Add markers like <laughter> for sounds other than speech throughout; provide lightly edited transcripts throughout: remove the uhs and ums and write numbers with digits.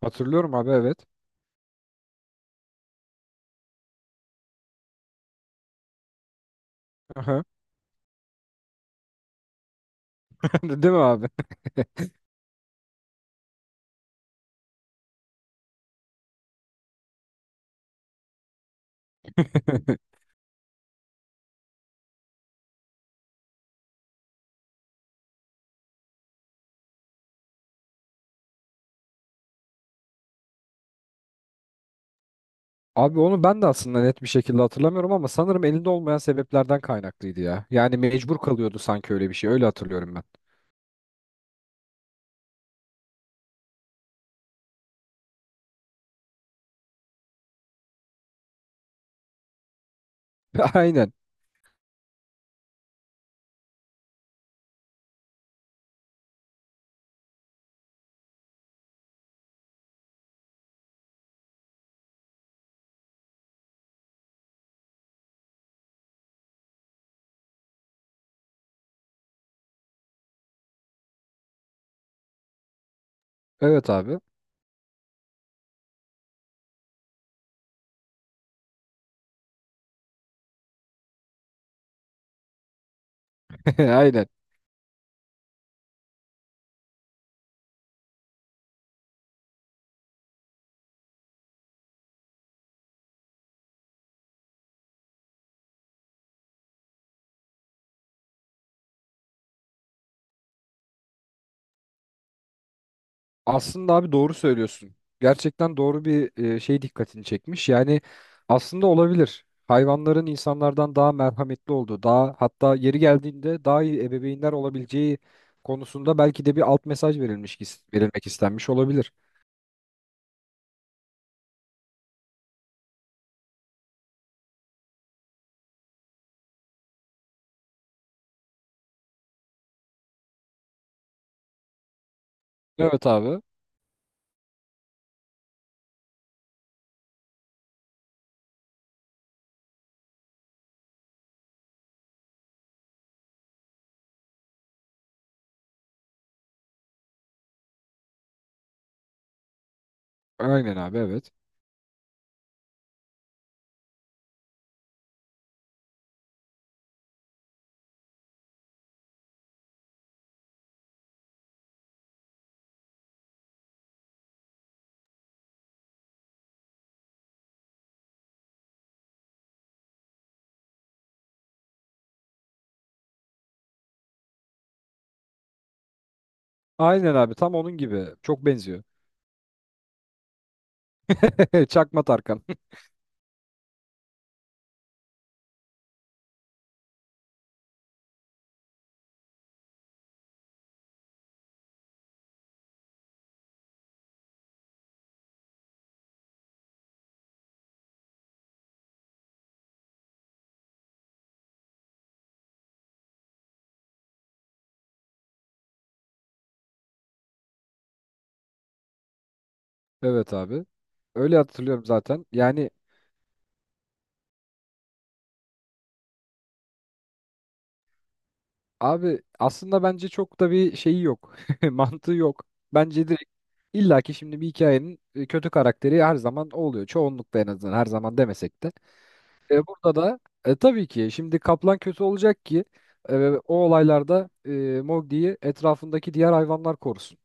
Hatırlıyorum abi, evet. Aha. <laughs> Değil mi abi? <laughs> Abi, onu ben de aslında net bir şekilde hatırlamıyorum ama sanırım elinde olmayan sebeplerden kaynaklıydı ya. Yani mecbur kalıyordu sanki, öyle bir şey. Öyle hatırlıyorum ben. <laughs> Aynen. Evet abi. <laughs> Aynen. Aslında abi, doğru söylüyorsun. Gerçekten doğru bir şey, dikkatini çekmiş. Yani aslında olabilir. Hayvanların insanlardan daha merhametli olduğu, daha hatta yeri geldiğinde daha iyi ebeveynler olabileceği konusunda belki de bir alt mesaj verilmiş, verilmek istenmiş olabilir. Evet abi. Aynen abi, evet. Aynen abi, tam onun gibi. Çok benziyor. <laughs> Çakma Tarkan. <laughs> Evet abi. Öyle hatırlıyorum zaten. Yani abi, aslında bence çok da bir şeyi yok. <laughs> Mantığı yok. Bence direkt illaki şimdi bir hikayenin kötü karakteri her zaman o oluyor. Çoğunlukla, en azından her zaman demesek de. Burada da tabii ki şimdi kaplan kötü olacak ki o olaylarda Mowgli'yi etrafındaki diğer hayvanlar korusun.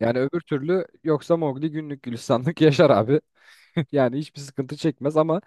Yani öbür türlü yoksa Mowgli günlük gülistanlık <laughs> yaşar abi. Yani hiçbir sıkıntı çekmez ama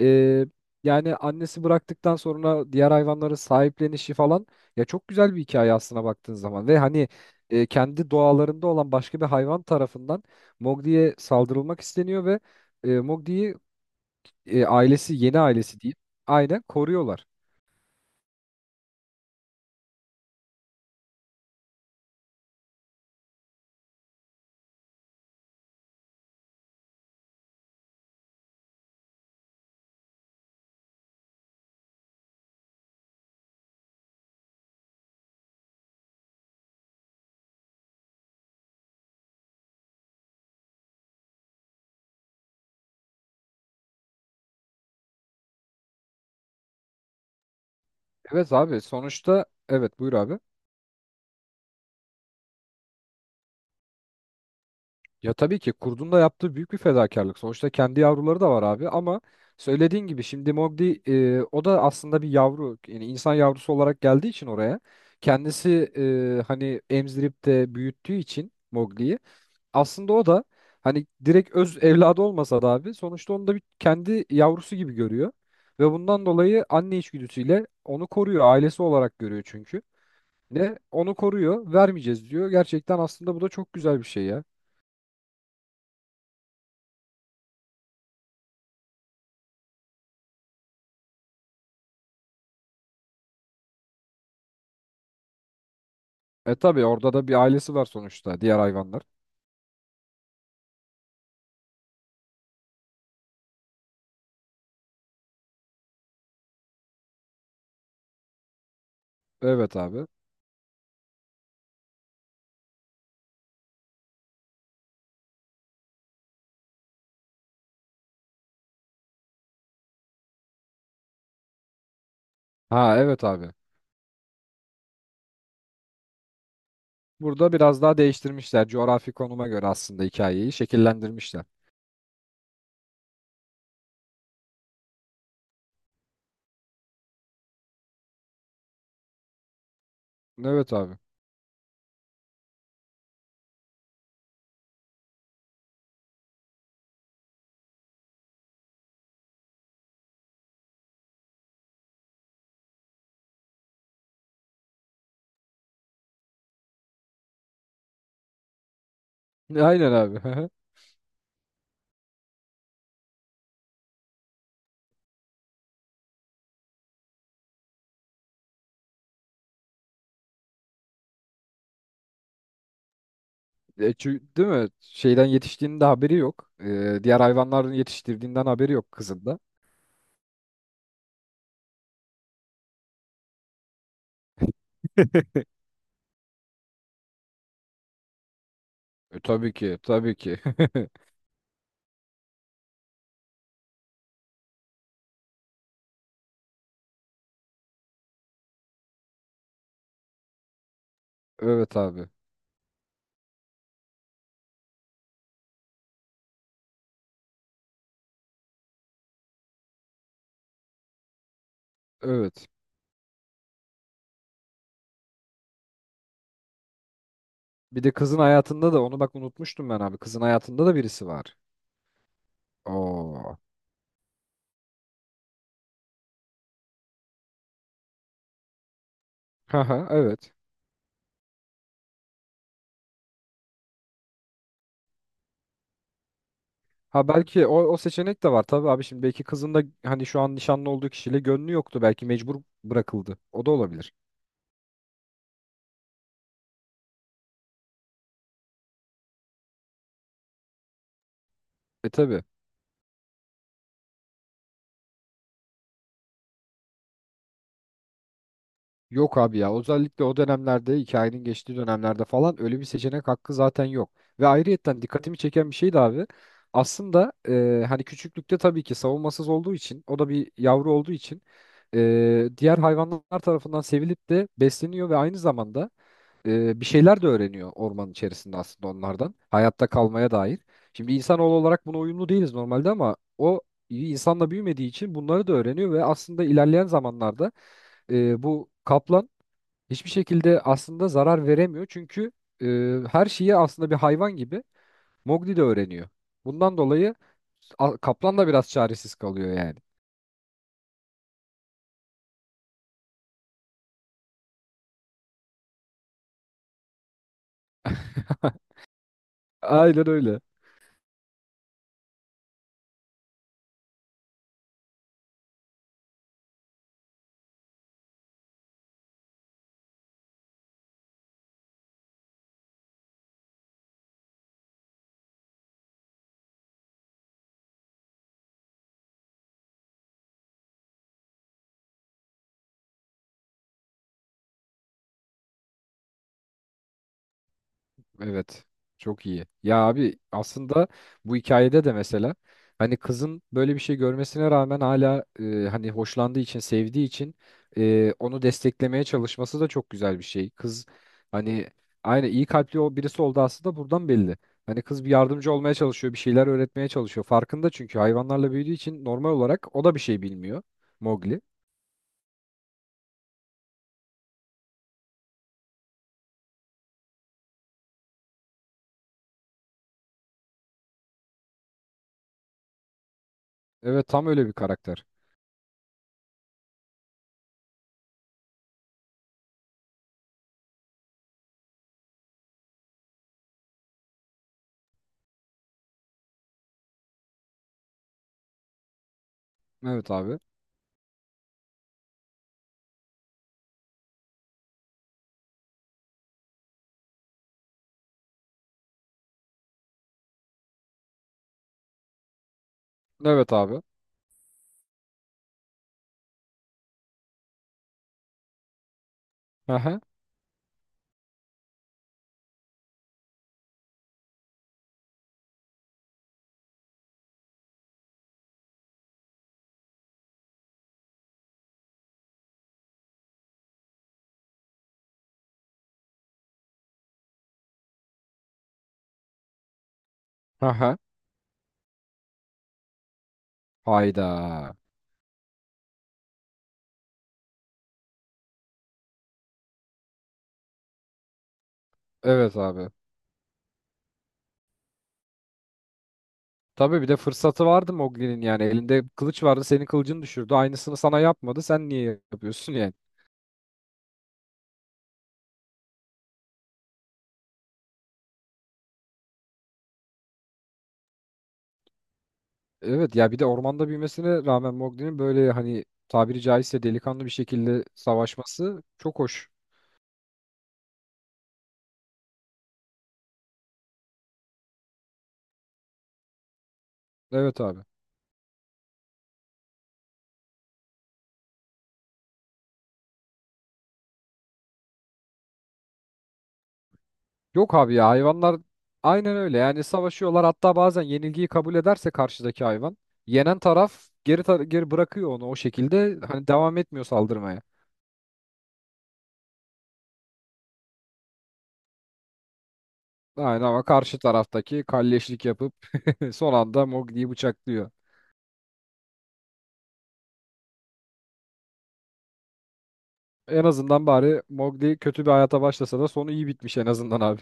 e, yani annesi bıraktıktan sonra diğer hayvanların sahiplenişi falan ya, çok güzel bir hikaye aslına baktığın zaman. Ve hani kendi doğalarında olan başka bir hayvan tarafından Mowgli'ye saldırılmak isteniyor ve Mowgli'yi ailesi, yeni ailesi diyeyim, aynen koruyorlar. Evet abi, sonuçta evet, buyur abi. Ya tabii ki kurdun da yaptığı büyük bir fedakarlık. Sonuçta kendi yavruları da var abi ama söylediğin gibi şimdi Mowgli o da aslında bir yavru, yani insan yavrusu olarak geldiği için oraya, kendisi hani emzirip de büyüttüğü için Mowgli'yi, aslında o da hani direkt öz evladı olmasa da abi, sonuçta onu da bir kendi yavrusu gibi görüyor ve bundan dolayı anne içgüdüsüyle onu koruyor, ailesi olarak görüyor çünkü. Ne, onu koruyor, vermeyeceğiz diyor. Gerçekten aslında bu da çok güzel bir şey ya. E tabii orada da bir ailesi var sonuçta, diğer hayvanlar. Evet abi. Ha evet abi. Burada biraz daha değiştirmişler, coğrafi konuma göre aslında hikayeyi şekillendirmişler. Evet abi. E, aynen abi. <laughs> E, çü- değil mi? Şeyden yetiştiğinin de haberi yok. E, diğer hayvanların yetiştirdiğinden haberi yok kızın da. <laughs> E, tabii ki, tabii ki. <laughs> Evet abi. Evet. Bir de kızın hayatında da, onu bak unutmuştum ben abi. Kızın hayatında da birisi var. Oo. <laughs> Haha, evet. Ha belki o, o seçenek de var tabii abi. Şimdi belki kızın da hani şu an nişanlı olduğu kişiyle gönlü yoktu, belki mecbur bırakıldı. O da olabilir. E tabii. Yok abi ya, özellikle o dönemlerde, hikayenin geçtiği dönemlerde falan öyle bir seçenek hakkı zaten yok. Ve ayrıyetten dikkatimi çeken bir şey de abi, aslında hani küçüklükte tabii ki savunmasız olduğu için, o da bir yavru olduğu için diğer hayvanlar tarafından sevilip de besleniyor ve aynı zamanda bir şeyler de öğreniyor ormanın içerisinde, aslında onlardan. Hayatta kalmaya dair. Şimdi insanoğlu olarak buna uyumlu değiliz normalde ama o iyi insanla büyümediği için bunları da öğreniyor ve aslında ilerleyen zamanlarda bu kaplan hiçbir şekilde aslında zarar veremiyor. Çünkü e, her şeyi aslında bir hayvan gibi Mowgli de öğreniyor. Bundan dolayı kaplan da biraz çaresiz kalıyor yani. <laughs> Aynen öyle. Evet. Çok iyi. Ya abi, aslında bu hikayede de mesela hani kızın böyle bir şey görmesine rağmen hala hani hoşlandığı için, sevdiği için onu desteklemeye çalışması da çok güzel bir şey. Kız hani aynı iyi kalpli, o, birisi oldu aslında, buradan belli. Hani kız bir yardımcı olmaya çalışıyor, bir şeyler öğretmeye çalışıyor. Farkında, çünkü hayvanlarla büyüdüğü için normal olarak o da bir şey bilmiyor. Mowgli. Evet, tam öyle bir karakter. Evet abi. Evet abi. Hı hı. Hı hı. Hayda. Evet abi. Tabii bir de fırsatı vardı Mowgli'nin, yani elinde kılıç vardı, senin kılıcını düşürdü, aynısını sana yapmadı, sen niye yapıyorsun yani. Evet ya, bir de ormanda büyümesine rağmen Mowgli'nin böyle hani tabiri caizse delikanlı bir şekilde savaşması çok hoş. Evet abi. Yok abi ya, hayvanlar aynen öyle yani, savaşıyorlar, hatta bazen yenilgiyi kabul ederse karşıdaki hayvan, yenen taraf geri geri bırakıyor onu, o şekilde hani devam etmiyor saldırmaya. Aynen ama karşı taraftaki kalleşlik yapıp <laughs> son anda Mowgli'yi bıçaklıyor. En azından bari Mowgli kötü bir hayata başlasa da sonu iyi bitmiş en azından abi.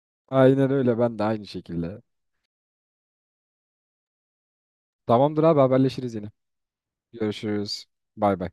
<laughs> Aynen öyle, ben de aynı şekilde. Tamamdır abi, haberleşiriz yine. Görüşürüz. Bay bay.